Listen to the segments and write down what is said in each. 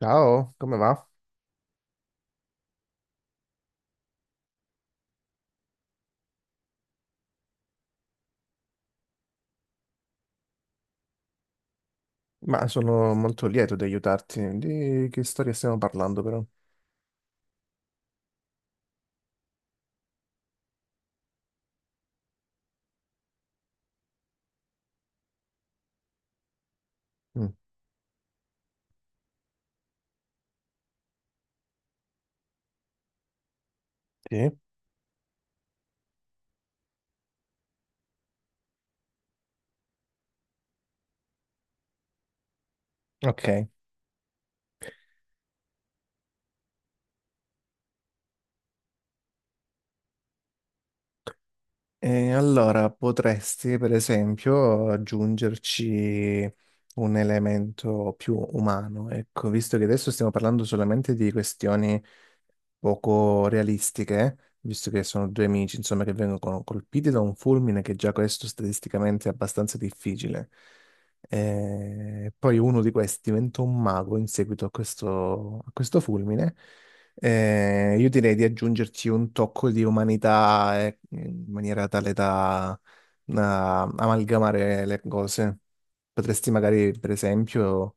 Ciao, come va? Ma sono molto lieto di aiutarti. Di che storia stiamo parlando, però? Mm, sì, ok. E allora potresti, per esempio, aggiungerci un elemento più umano, ecco, visto che adesso stiamo parlando solamente di questioni poco realistiche, visto che sono due amici, insomma, che vengono colpiti da un fulmine che già questo statisticamente è abbastanza difficile. E poi uno di questi diventa un mago in seguito a questo fulmine. Io direi di aggiungerci un tocco di umanità, in maniera tale da amalgamare le cose. Potresti magari, per esempio,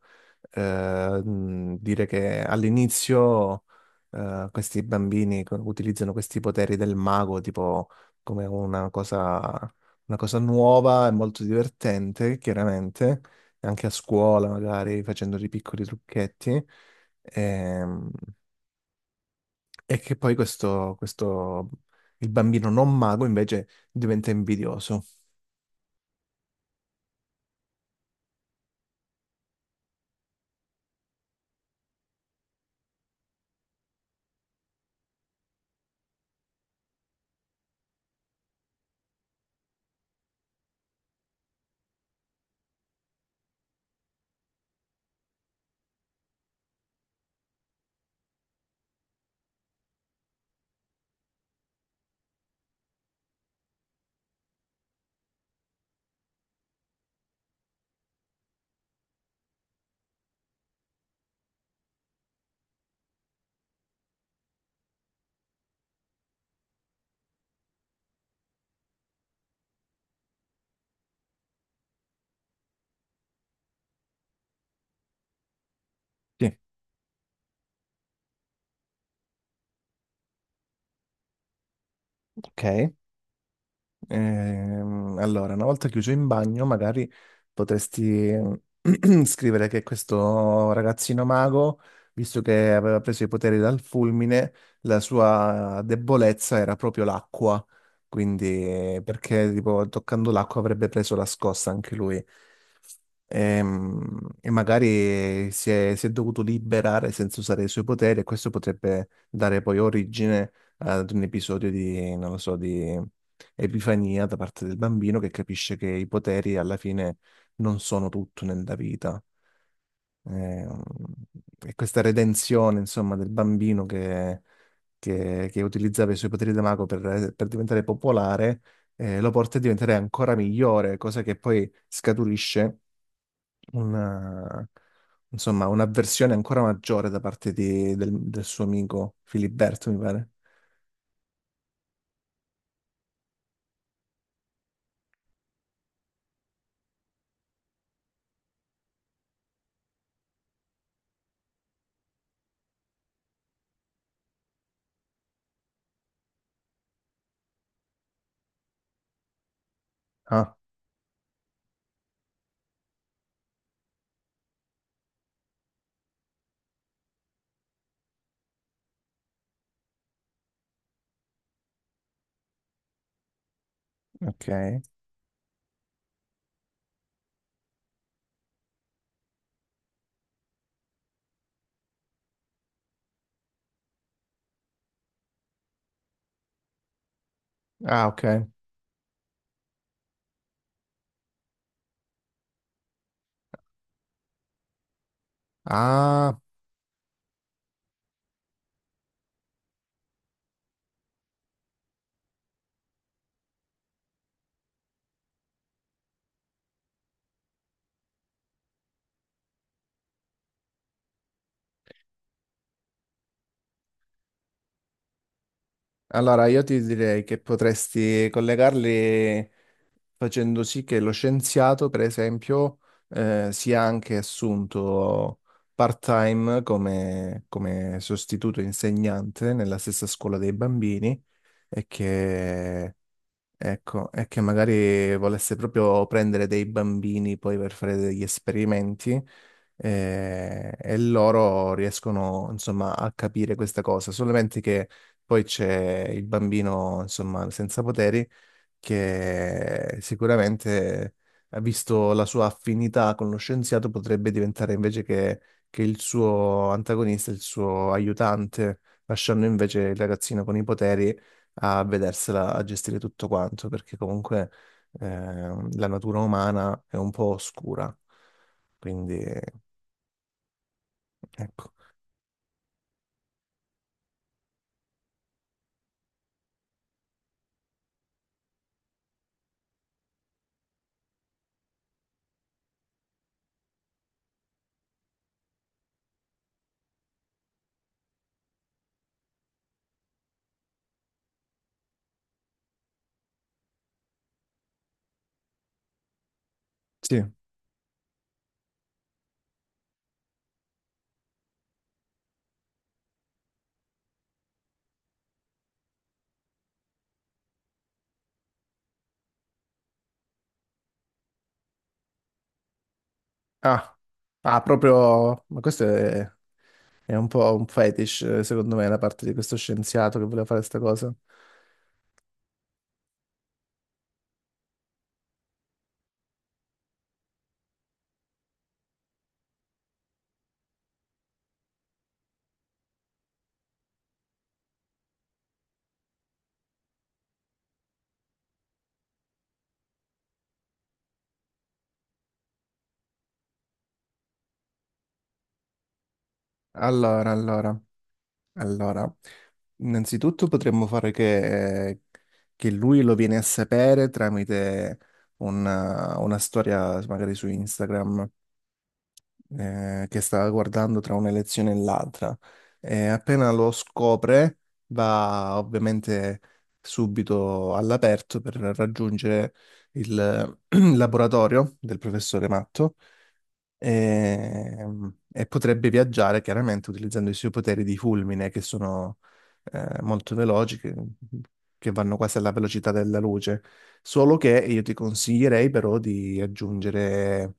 dire che all'inizio questi bambini utilizzano questi poteri del mago tipo come una cosa, nuova e molto divertente, chiaramente, anche a scuola magari facendo dei piccoli trucchetti. Ehm, e che poi il bambino non mago invece diventa invidioso. Sì. Ok. Allora, una volta chiuso in bagno, magari potresti scrivere che questo ragazzino mago, visto che aveva preso i poteri dal fulmine, la sua debolezza era proprio l'acqua. Quindi, perché tipo, toccando l'acqua avrebbe preso la scossa anche lui. Ehm, e magari si è dovuto liberare senza usare i suoi poteri, e questo potrebbe dare poi origine ad un episodio di, non lo so, di epifania da parte del bambino che capisce che i poteri alla fine non sono tutto nella vita. Ehm, E questa redenzione, insomma, del bambino che, che utilizzava i suoi poteri da mago per, diventare popolare, lo porta a diventare ancora migliore, cosa che poi scaturisce una, insomma, un'avversione ancora maggiore da parte del suo amico Filiberto, mi pare. Ah, ok. Ah, ok. Ah, allora io ti direi che potresti collegarli facendo sì che lo scienziato, per esempio, sia anche assunto part-time come, come sostituto insegnante nella stessa scuola dei bambini e che... Ecco, è che magari volesse proprio prendere dei bambini poi per fare degli esperimenti, e loro riescono insomma a capire questa cosa, solamente che poi c'è il bambino insomma senza poteri che sicuramente, visto la sua affinità con lo scienziato, potrebbe diventare, invece che il suo antagonista, il suo aiutante, lasciando invece il ragazzino con i poteri a vedersela a gestire tutto quanto, perché comunque eh, la natura umana è un po' oscura. Quindi, ecco. Sì. Ah, ah, proprio... Ma è un po' un fetish, secondo me, da parte di questo scienziato che voleva fare questa cosa. Allora, allora, allora, innanzitutto potremmo fare che lui lo viene a sapere tramite una storia magari su Instagram, che stava guardando tra un'elezione e l'altra. E appena lo scopre va ovviamente subito all'aperto per raggiungere il laboratorio del professore Matto, e, e potrebbe viaggiare chiaramente utilizzando i suoi poteri di fulmine che sono molto veloci, che vanno quasi alla velocità della luce. Solo che io ti consiglierei però di aggiungere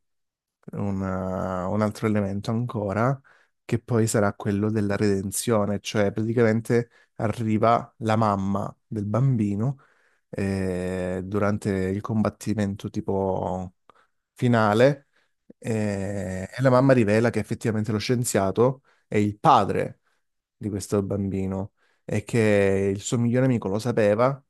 un altro elemento ancora, che poi sarà quello della redenzione, cioè praticamente arriva la mamma del bambino durante il combattimento tipo finale, e la mamma rivela che effettivamente lo scienziato è il padre di questo bambino e che il suo migliore amico lo sapeva,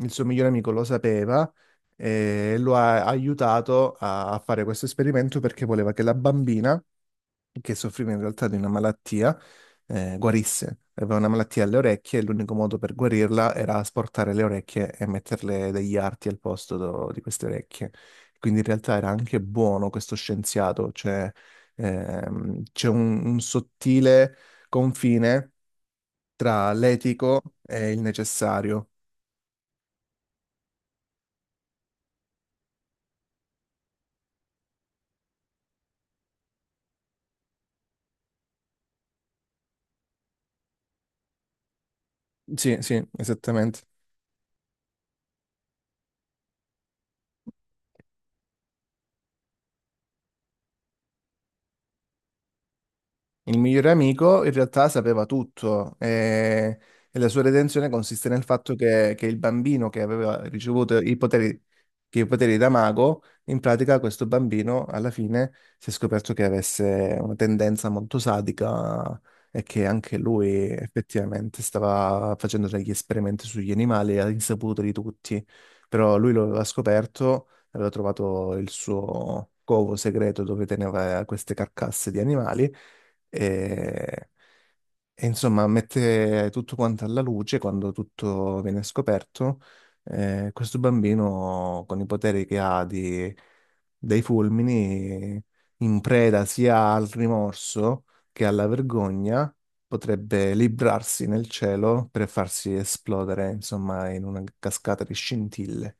il suo migliore amico lo sapeva e lo ha aiutato a, fare questo esperimento perché voleva che la bambina, che soffriva in realtà di una malattia, guarisse. Aveva una malattia alle orecchie e l'unico modo per guarirla era asportare le orecchie e metterle degli arti al posto di queste orecchie. Quindi in realtà era anche buono questo scienziato, cioè c'è un sottile confine tra l'etico e il necessario. Sì, sì, esattamente. Il migliore amico in realtà sapeva tutto, e la sua redenzione consiste nel fatto che, il bambino che aveva ricevuto i poteri, che i poteri da mago, in pratica questo bambino alla fine si è scoperto che avesse una tendenza molto sadica e che anche lui effettivamente stava facendo degli esperimenti sugli animali all'insaputa di tutti, però lui lo aveva scoperto, aveva trovato il suo covo segreto dove teneva queste carcasse di animali e... E insomma, mette tutto quanto alla luce quando tutto viene scoperto. Questo bambino, con i poteri che ha dei fulmini, in preda sia al rimorso che alla vergogna, potrebbe librarsi nel cielo per farsi esplodere, insomma, in una cascata di scintille.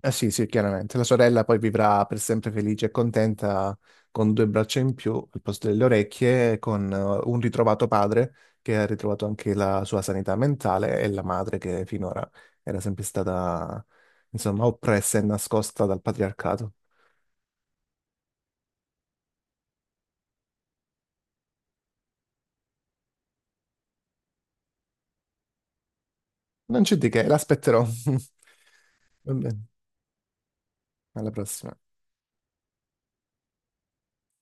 Eh sì, sì, chiaramente. La sorella poi vivrà per sempre felice e contenta con due braccia in più al posto delle orecchie, con un ritrovato padre che ha ritrovato anche la sua sanità mentale, e la madre che finora era sempre stata, insomma, oppressa e nascosta dal patriarcato. Non c'è di che, l'aspetterò. Va bene, alla prossima.